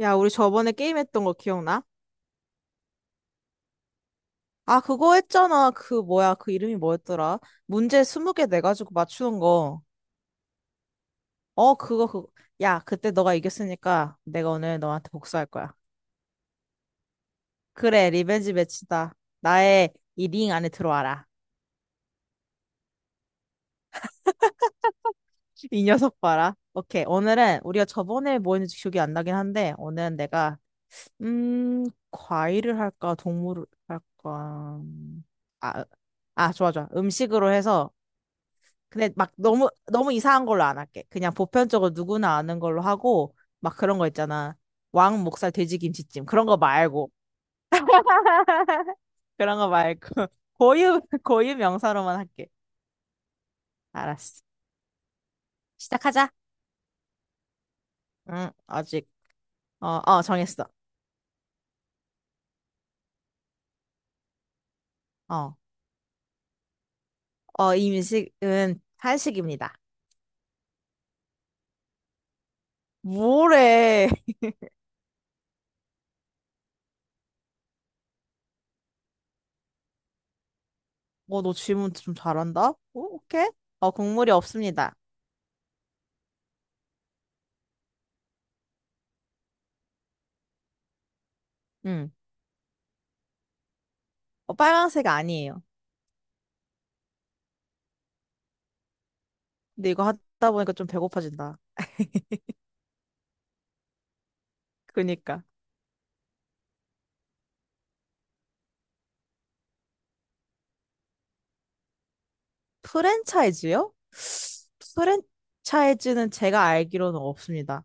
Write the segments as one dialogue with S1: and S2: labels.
S1: 야, 우리 저번에 게임했던 거 기억나? 아, 그거 했잖아. 그 뭐야? 그 이름이 뭐였더라? 문제 20개 내가지고 맞추는 거. 어, 그거 그. 야, 그때 너가 이겼으니까 내가 오늘 너한테 복수할 거야. 그래, 리벤지 매치다. 나의 이 링 안에 들어와라. 이 녀석 봐라. 오케이. 오늘은 우리가 저번에 뭐 했는지 기억이 안 나긴 한데 오늘은 내가, 과일을 할까? 동물을 할까? 아, 아, 좋아, 좋아. 음식으로 해서. 근데 막 너무 너무 이상한 걸로 안 할게. 그냥 보편적으로 누구나 아는 걸로 하고 막 그런 거 있잖아. 왕 목살 돼지김치찜 그런 거 말고 그런 거 말고 고유 명사로만 할게. 알았어. 시작하자. 응, 아직. 어, 어 정했어. 어, 어, 이 음식은 한식입니다. 뭐래? 어, 너 질문 좀 잘한다. 오, 오케이. 어, 국물이 없습니다. 응. 어, 빨강색 아니에요. 근데 이거 하다 보니까 좀 배고파진다. 그니까. 프랜차이즈요? 프랜차이즈는 제가 알기로는 없습니다.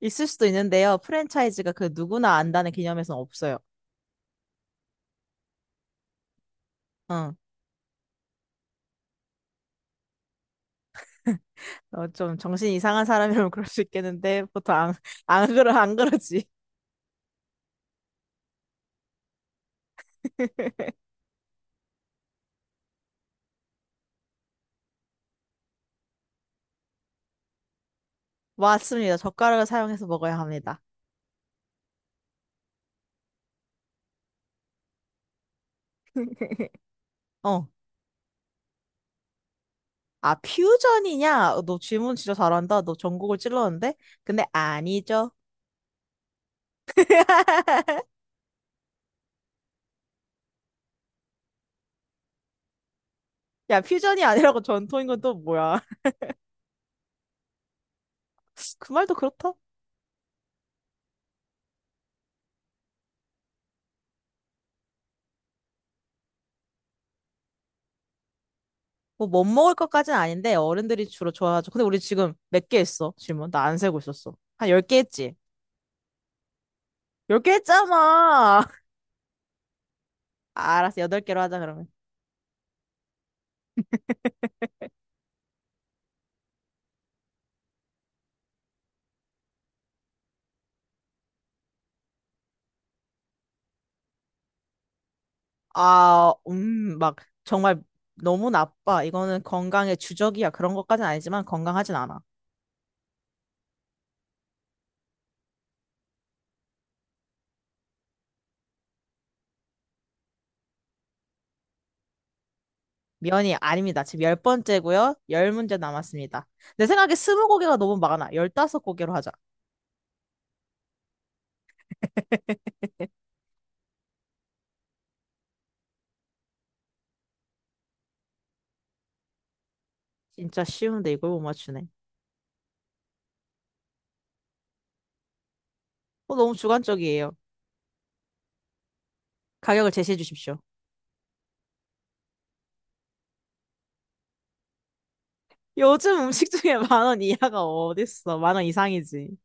S1: 있을 수도 있는데요. 프랜차이즈가 그 누구나 안다는 개념에서는 없어요. 응. 어, 좀 정신이 이상한 사람이라면 그럴 수 있겠는데 보통 안, 안 그러 안 그러지. 맞습니다. 젓가락을 사용해서 먹어야 합니다. 어. 아, 퓨전이냐? 어, 너 질문 진짜 잘한다. 너 전국을 찔렀는데? 근데 아니죠. 야, 퓨전이 아니라고 전통인 건 또 뭐야? 그 말도 그렇다. 뭐 못 먹을 것까지는 아닌데 어른들이 주로 좋아하죠. 근데 우리 지금 몇 개 했어? 질문. 나 안 세고 있었어. 한 10개 했지? 10개 했잖아. 아, 알았어. 8개로 하자 그러면. 아, 막, 정말 너무 나빠. 이거는 건강의 주적이야. 그런 것까지는 아니지만 건강하진 않아. 면이 아닙니다. 지금 열 번째고요. 열 문제 남았습니다. 내 생각에 스무 고개가 너무 많아. 열다섯 고개로 하자. 진짜 쉬운데 이걸 못 맞추네. 어, 너무 주관적이에요. 가격을 제시해 주십시오. 요즘 음식 중에 만 원 이하가 어딨어? 만 원 이상이지.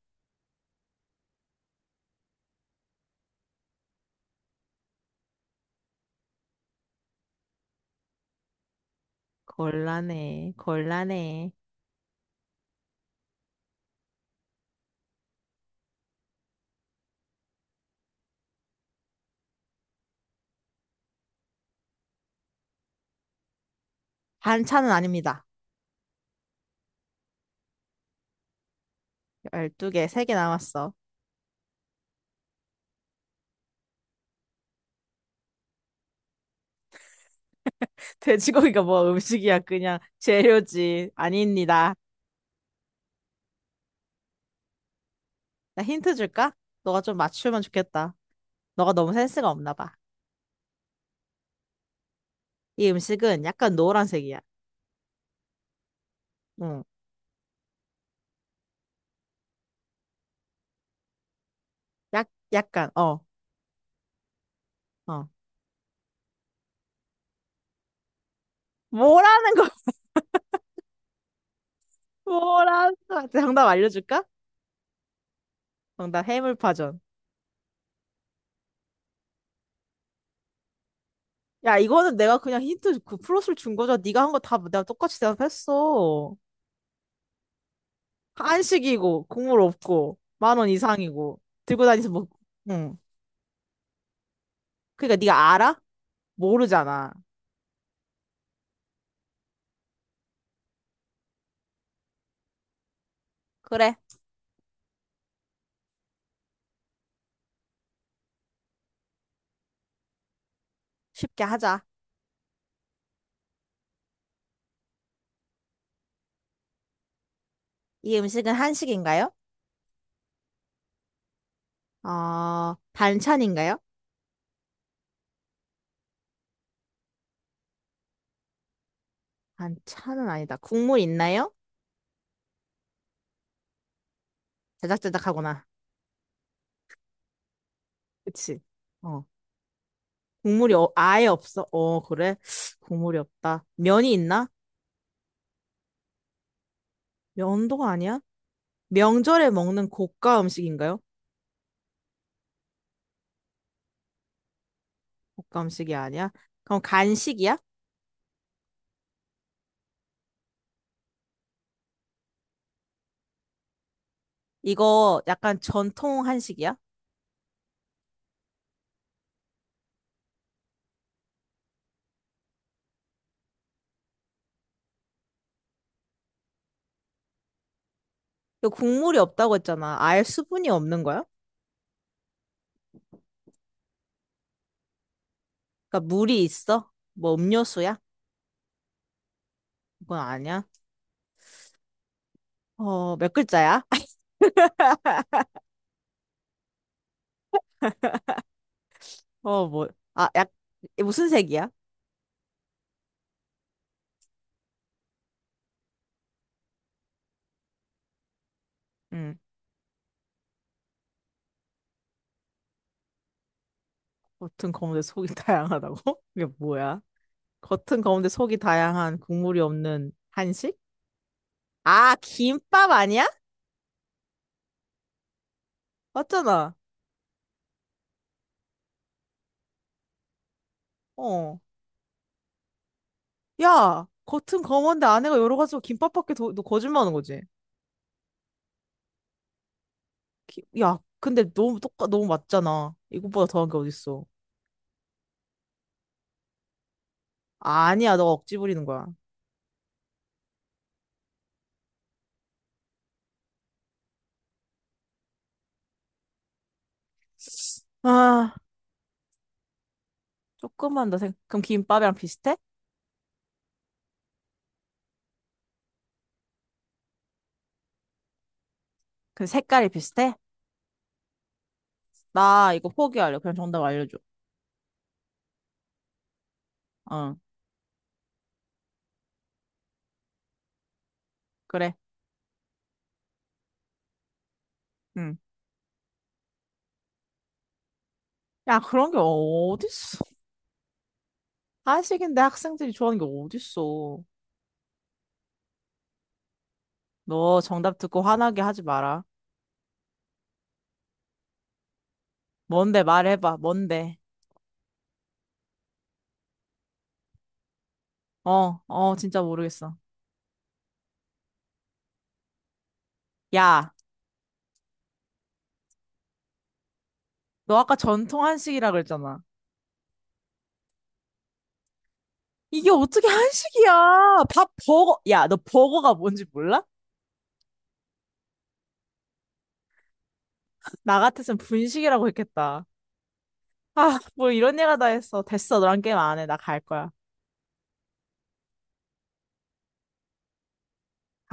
S1: 곤란해, 곤란해. 반찬은 아닙니다. 열두 개 세 개 남았어. 돼지고기가 뭐 음식이야. 그냥 재료지. 아닙니다. 나 힌트 줄까? 너가 좀 맞추면 좋겠다. 너가 너무 센스가 없나 봐. 이 음식은 약간 노란색이야. 응. 약, 약간, 어, 어. 뭐라는 거, 뭐라는 거. 정답 알려줄까? 정답 해물파전. 야, 이거는 내가 그냥 힌트 그 플러스를 준 거잖아. 네가 한 거 다 내가 똑같이 대답했어. 한식이고 국물 없고 만 원 이상이고 들고 다니서 먹. 응. 그러니까 네가 알아? 모르잖아. 그래, 쉽게 하자. 이 음식은 한식인가요? 아, 반찬인가요? 반찬은 아니다. 국물 있나요? 자작자작하구나. 그치? 어. 국물이 어- 아예 없어. 어, 그래? 국물이 없다. 면이 있나? 면도 아니야? 명절에 먹는 고가 음식인가요? 곶감식이 아니야? 그럼 간식이야? 이거 약간 전통 한식이야? 이거 국물이 없다고 했잖아. 아예 수분이 없는 거야? 그러니까 물이 있어? 뭐 음료수야? 그건 아니야. 어, 몇 글자야? 어, 뭐, 아, 약, 무슨 색이야? 응. 겉은 검은데 속이 다양하다고? 이게 뭐야? 겉은 검은데 속이 다양한 국물이 없는 한식? 아, 김밥 아니야? 맞잖아. 어. 야, 겉은 검은데 안에가 여러 가지고 김밥밖에 더, 너 거짓말하는 거지? 기- 야, 근데 너무 똑같, 너무 맞잖아. 이것보다 더한 게 어딨어. 아니야, 너가 억지 부리는 거야. 아, 조금만 더 생, 그럼 김밥이랑 비슷해? 그 색깔이 비슷해? 나 이거 포기할래. 그냥 정답 알려줘. 어, 그래. 응. 야, 그런 게 어딨어. 한식인데 학생들이 좋아하는 게 어딨어. 너 정답 듣고 화나게 하지 마라. 뭔데, 말해봐. 뭔데. 어, 어, 진짜 모르겠어. 야, 너 아까 전통 한식이라 그랬잖아. 이게 어떻게 한식이야? 밥 버거. 야, 너 버거가 뭔지 몰라? 나 같았으면 분식이라고 했겠다. 아, 뭐 이런 얘가 다 했어. 됐어, 너랑 게임 안 해. 나 갈 거야. 가.